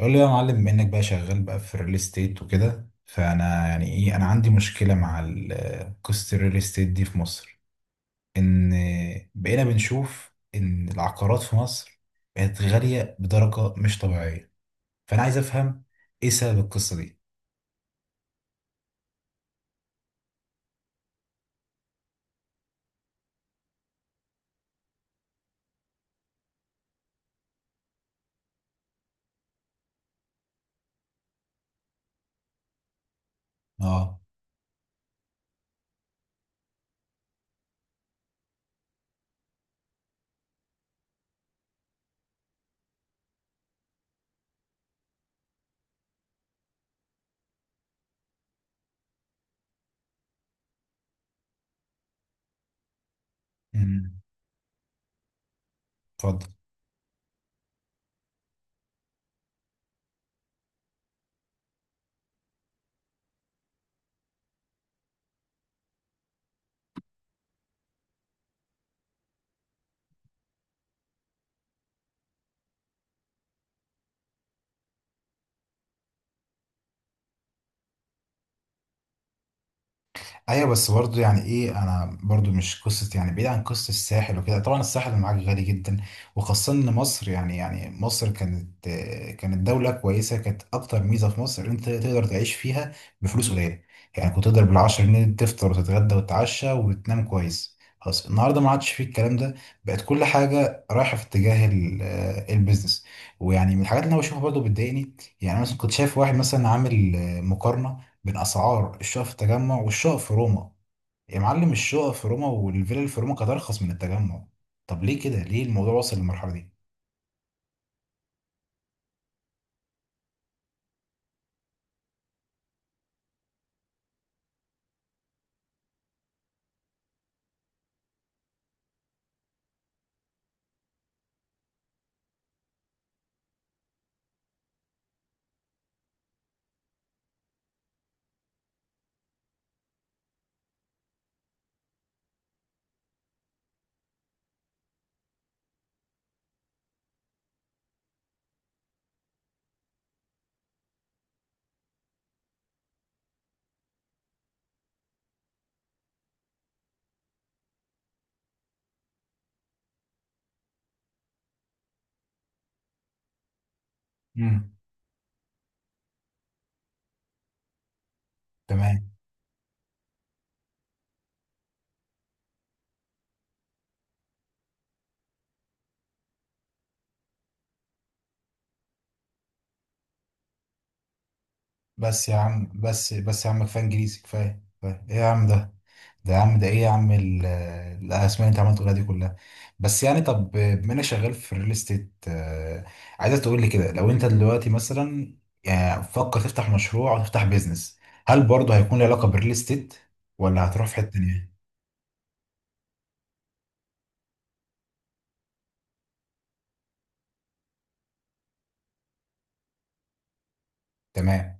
قول لي يا معلم، بما انك بقى شغال بقى في الريل استيت وكده، فانا يعني ايه انا عندي مشكله مع قصه الريل استيت دي في مصر. ان بقينا بنشوف ان العقارات في مصر بقت غاليه بدرجه مش طبيعيه، فانا عايز افهم ايه سبب القصه دي. اه. امم. اتفضل. ايوه، بس برضه يعني ايه، انا برضه مش قصه يعني، بعيد عن قصه الساحل وكده. طبعا الساحل اللي معاك غالي جدا، وخاصه ان مصر، يعني مصر كانت، كانت دوله كويسه. كانت اكتر ميزه في مصر إن انت تقدر تعيش فيها بفلوس قليله. يعني كنت تقدر بال 10 جنيه تفطر وتتغدى وتتعشى وتنام كويس. خلاص النهارده ما عادش فيه الكلام ده، بقت كل حاجه رايحه في اتجاه البيزنس. ويعني من الحاجات اللي انا بشوفها برضه بتضايقني، يعني انا مثلا كنت شايف واحد مثلا عامل مقارنه من اسعار الشقق في التجمع والشقق في روما. يا معلم الشقق في روما والفيلا اللي في روما كانت ارخص من التجمع. طب ليه كده؟ ليه الموضوع وصل للمرحله دي؟ امم. تمام. بس يا عم، بس بس يا عم، كفايه انجليزي، كفايه كفايه ايه يا عم ده؟ ده يا عم، ده ايه يا عم الاسماء اللي انت عمال تقولها دي كلها؟ بس يعني، طب بما انا شغال في الريل استيت، عايزك تقول لي كده، لو انت دلوقتي مثلا يعني فكر تفتح مشروع او تفتح بيزنس، هل برضه هيكون له علاقه بالريل استيت، ولا هتروح في حته تانيه؟ تمام.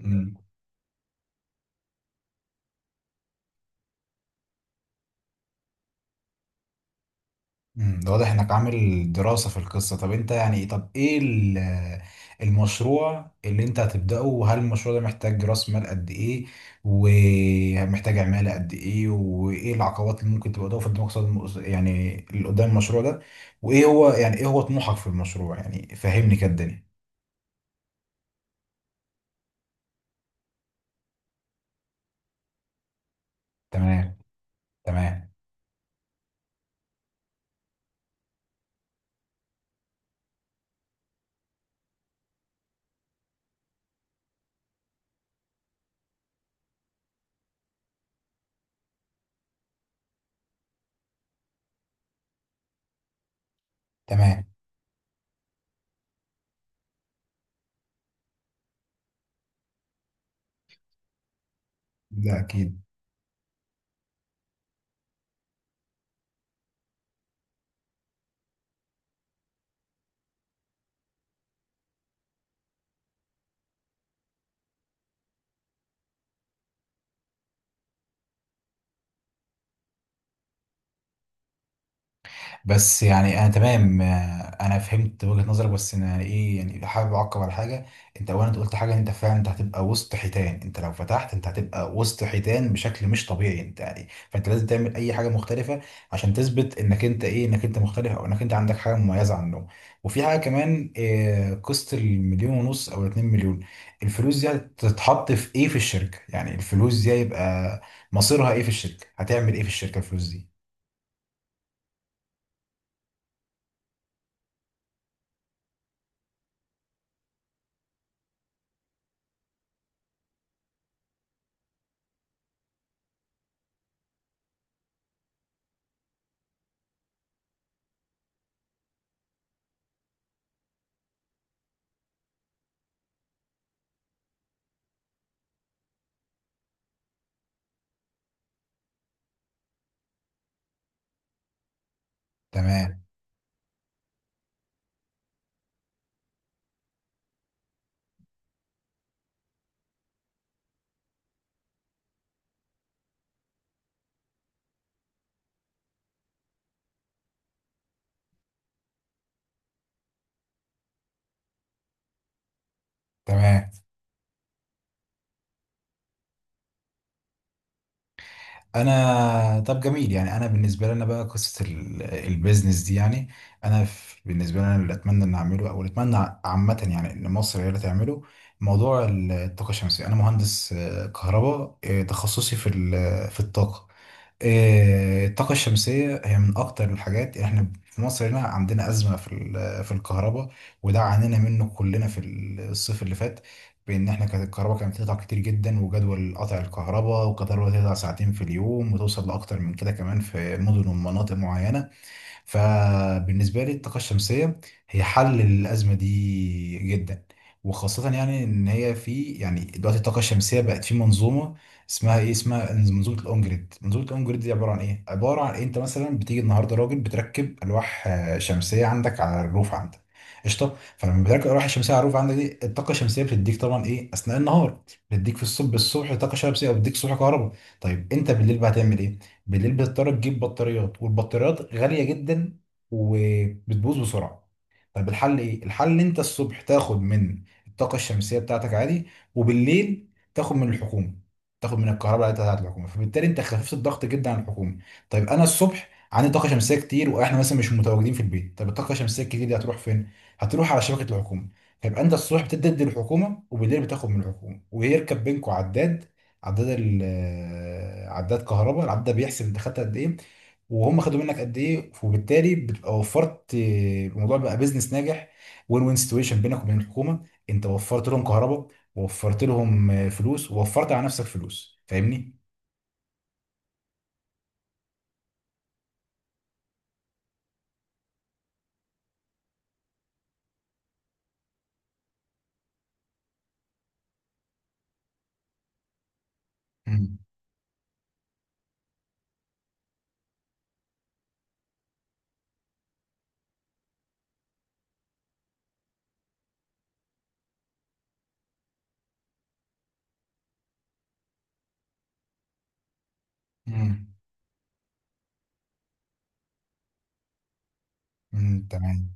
امم. ده واضح انك عامل دراسة في القصة. طب انت يعني، طب ايه المشروع اللي انت هتبدأه؟ وهل المشروع ده محتاج رأس مال قد ايه، ومحتاج عمالة قد ايه، وايه العقبات اللي ممكن تبقى قدامك في المقصد يعني اللي قدام المشروع ده؟ وايه هو يعني ايه هو طموحك في المشروع؟ يعني فهمني كده الدنيا. تمام. تمام. تمام. ده اكيد. بس يعني انا تمام، انا فهمت وجهة نظرك، بس انا ايه يعني، لو حابب اعقب على حاجه، انت اولا أنت قلت حاجه، انت فعلا انت هتبقى وسط حيتان، انت لو فتحت انت هتبقى وسط حيتان بشكل مش طبيعي، انت يعني فانت لازم تعمل اي حاجه مختلفه عشان تثبت انك انت ايه، انك انت مختلف او انك انت عندك حاجه مميزه عنهم. وفي حاجه كمان، قصه المليون ونص او الاتنين مليون، الفلوس دي هتتحط في ايه في الشركه؟ يعني الفلوس دي هيبقى مصيرها ايه في الشركه؟ هتعمل ايه في الشركه الفلوس دي؟ تمام. تمام. انا طب جميل، يعني انا بالنسبه لنا بقى قصه البيزنس دي، يعني انا بالنسبه لنا اللي اتمنى ان اعمله او اللي اتمنى عامه، يعني ان مصر هي اللي تعمله، موضوع الطاقه الشمسيه. انا مهندس كهرباء، تخصصي في في الطاقه. الطاقة الشمسية هي من أكتر الحاجات، يعني إحنا في مصر هنا عندنا أزمة في في الكهرباء، وده عانينا منه كلنا في الصيف اللي فات. بإن إحنا كانت الكهرباء كانت بتقطع كتير جدا، وجدول قطع الكهرباء والكهرباء تقطع ساعتين في اليوم وتوصل لأكتر من كده كمان في مدن ومناطق معينة. فبالنسبة لي الطاقة الشمسية هي حل للأزمة دي جدا، وخاصة يعني إن هي في يعني دلوقتي الطاقة الشمسية بقت في منظومة اسمها إيه، اسمها منظومة الأون جريد. منظومة الأون جريد دي عبارة عن إيه؟ عبارة عن إيه، أنت مثلا بتيجي النهاردة راجل بتركب ألواح شمسية عندك على الروف عندك، قشطة. فلما بتركب الألواح الشمسية على الروف عندك دي، الطاقة الشمسية بتديك طبعا إيه أثناء النهار، بتديك في الصبح، بالصبح طاقة شمسية، أو بتديك الصبح كهرباء. طيب أنت بالليل بقى هتعمل إيه؟ بالليل بتضطر تجيب بطاريات، والبطاريات غالية جدا وبتبوظ بسرعة. طب الحل ايه؟ الحل انت الصبح تاخد من الطاقة الشمسية بتاعتك عادي، وبالليل تاخد من الحكومة، تاخد من الكهرباء بتاعت الحكومة. فبالتالي انت خففت الضغط جدا عن الحكومة. طيب انا الصبح عندي طاقة شمسية كتير واحنا مثلا مش متواجدين في البيت، طب الطاقة الشمسية الكتير دي هتروح فين؟ هتروح على شبكة الحكومة. فيبقى انت الصبح بتدي للحكومة وبالليل بتاخد من الحكومة، ويركب بينكوا عداد، عداد ال عداد كهرباء. العداد ده بيحسب انت خدت قد ايه وهم خدوا منك قد ايه، وبالتالي بتبقى وفرت، الموضوع بقى بيزنس ناجح. وين وين سيتويشن بينك وبين الحكومه، انت وفرت لهم كهرباء ووفرت لهم فلوس ووفرت على نفسك فلوس. فاهمني؟ امم. امم. تمام.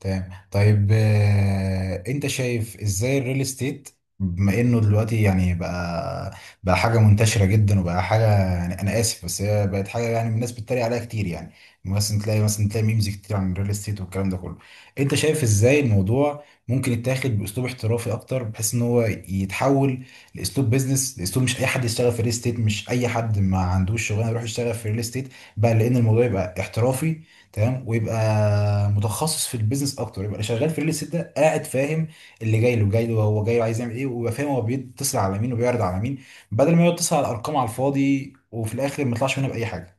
تمام، طيب انت شايف ازاي الريل استيت، بما انه دلوقتي يعني بقى حاجه منتشره جدا، وبقى حاجه، يعني انا اسف بس هي بقت حاجه يعني الناس بتتريق عليها كتير. يعني مثلا تلاقي مثلا تلاقي ميمز كتير عن الريل استيت والكلام ده كله. انت شايف ازاي الموضوع ممكن يتاخد باسلوب احترافي اكتر، بحيث ان هو يتحول لاسلوب بيزنس، لاسلوب مش اي حد يشتغل في الريل استيت، مش اي حد ما عندوش شغلانه يروح يشتغل في الريل استيت بقى، لان الموضوع يبقى احترافي، تمام، ويبقى متخصص في البيزنس اكتر. يبقى اللي شغال في الريل استيت ده قاعد فاهم، اللي جاي له هو جاي له عايز يعمل ايه، ويبقى فاهم هو بيتصل على مين وبيعرض على مين، بدل ما يقعد يتصل على الارقام على الفاضي وفي الاخر ما يطلعش منها باي حاجه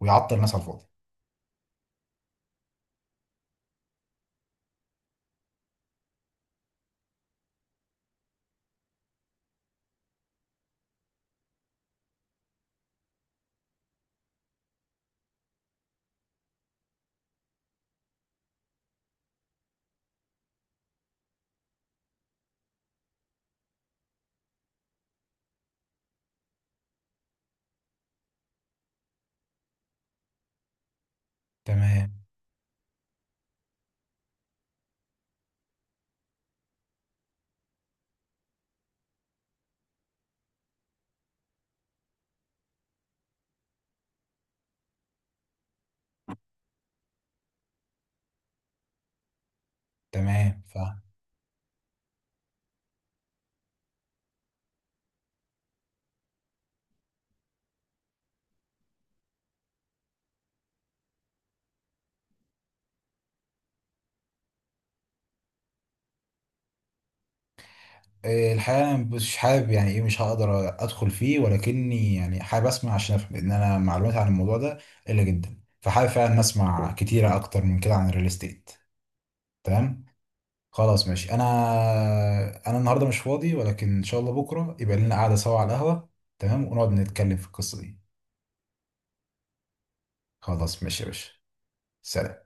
ويعطل الناس على الفاضي. تمام. تمام. فاهم. إيه، الحقيقه انا مش حابب يعني ايه، مش هقدر ادخل فيه، ولكني يعني حابب اسمع عشان افهم، لان انا معلوماتي عن الموضوع ده قليله جدا، فحابب فعلا اسمع كتيره اكتر من كده عن الريل استيت. تمام. خلاص ماشي، انا النهارده مش فاضي، ولكن ان شاء الله بكره يبقى لنا قعده سوا على القهوه. تمام ونقعد نتكلم في القصه دي. خلاص ماشي يا باشا. سلام.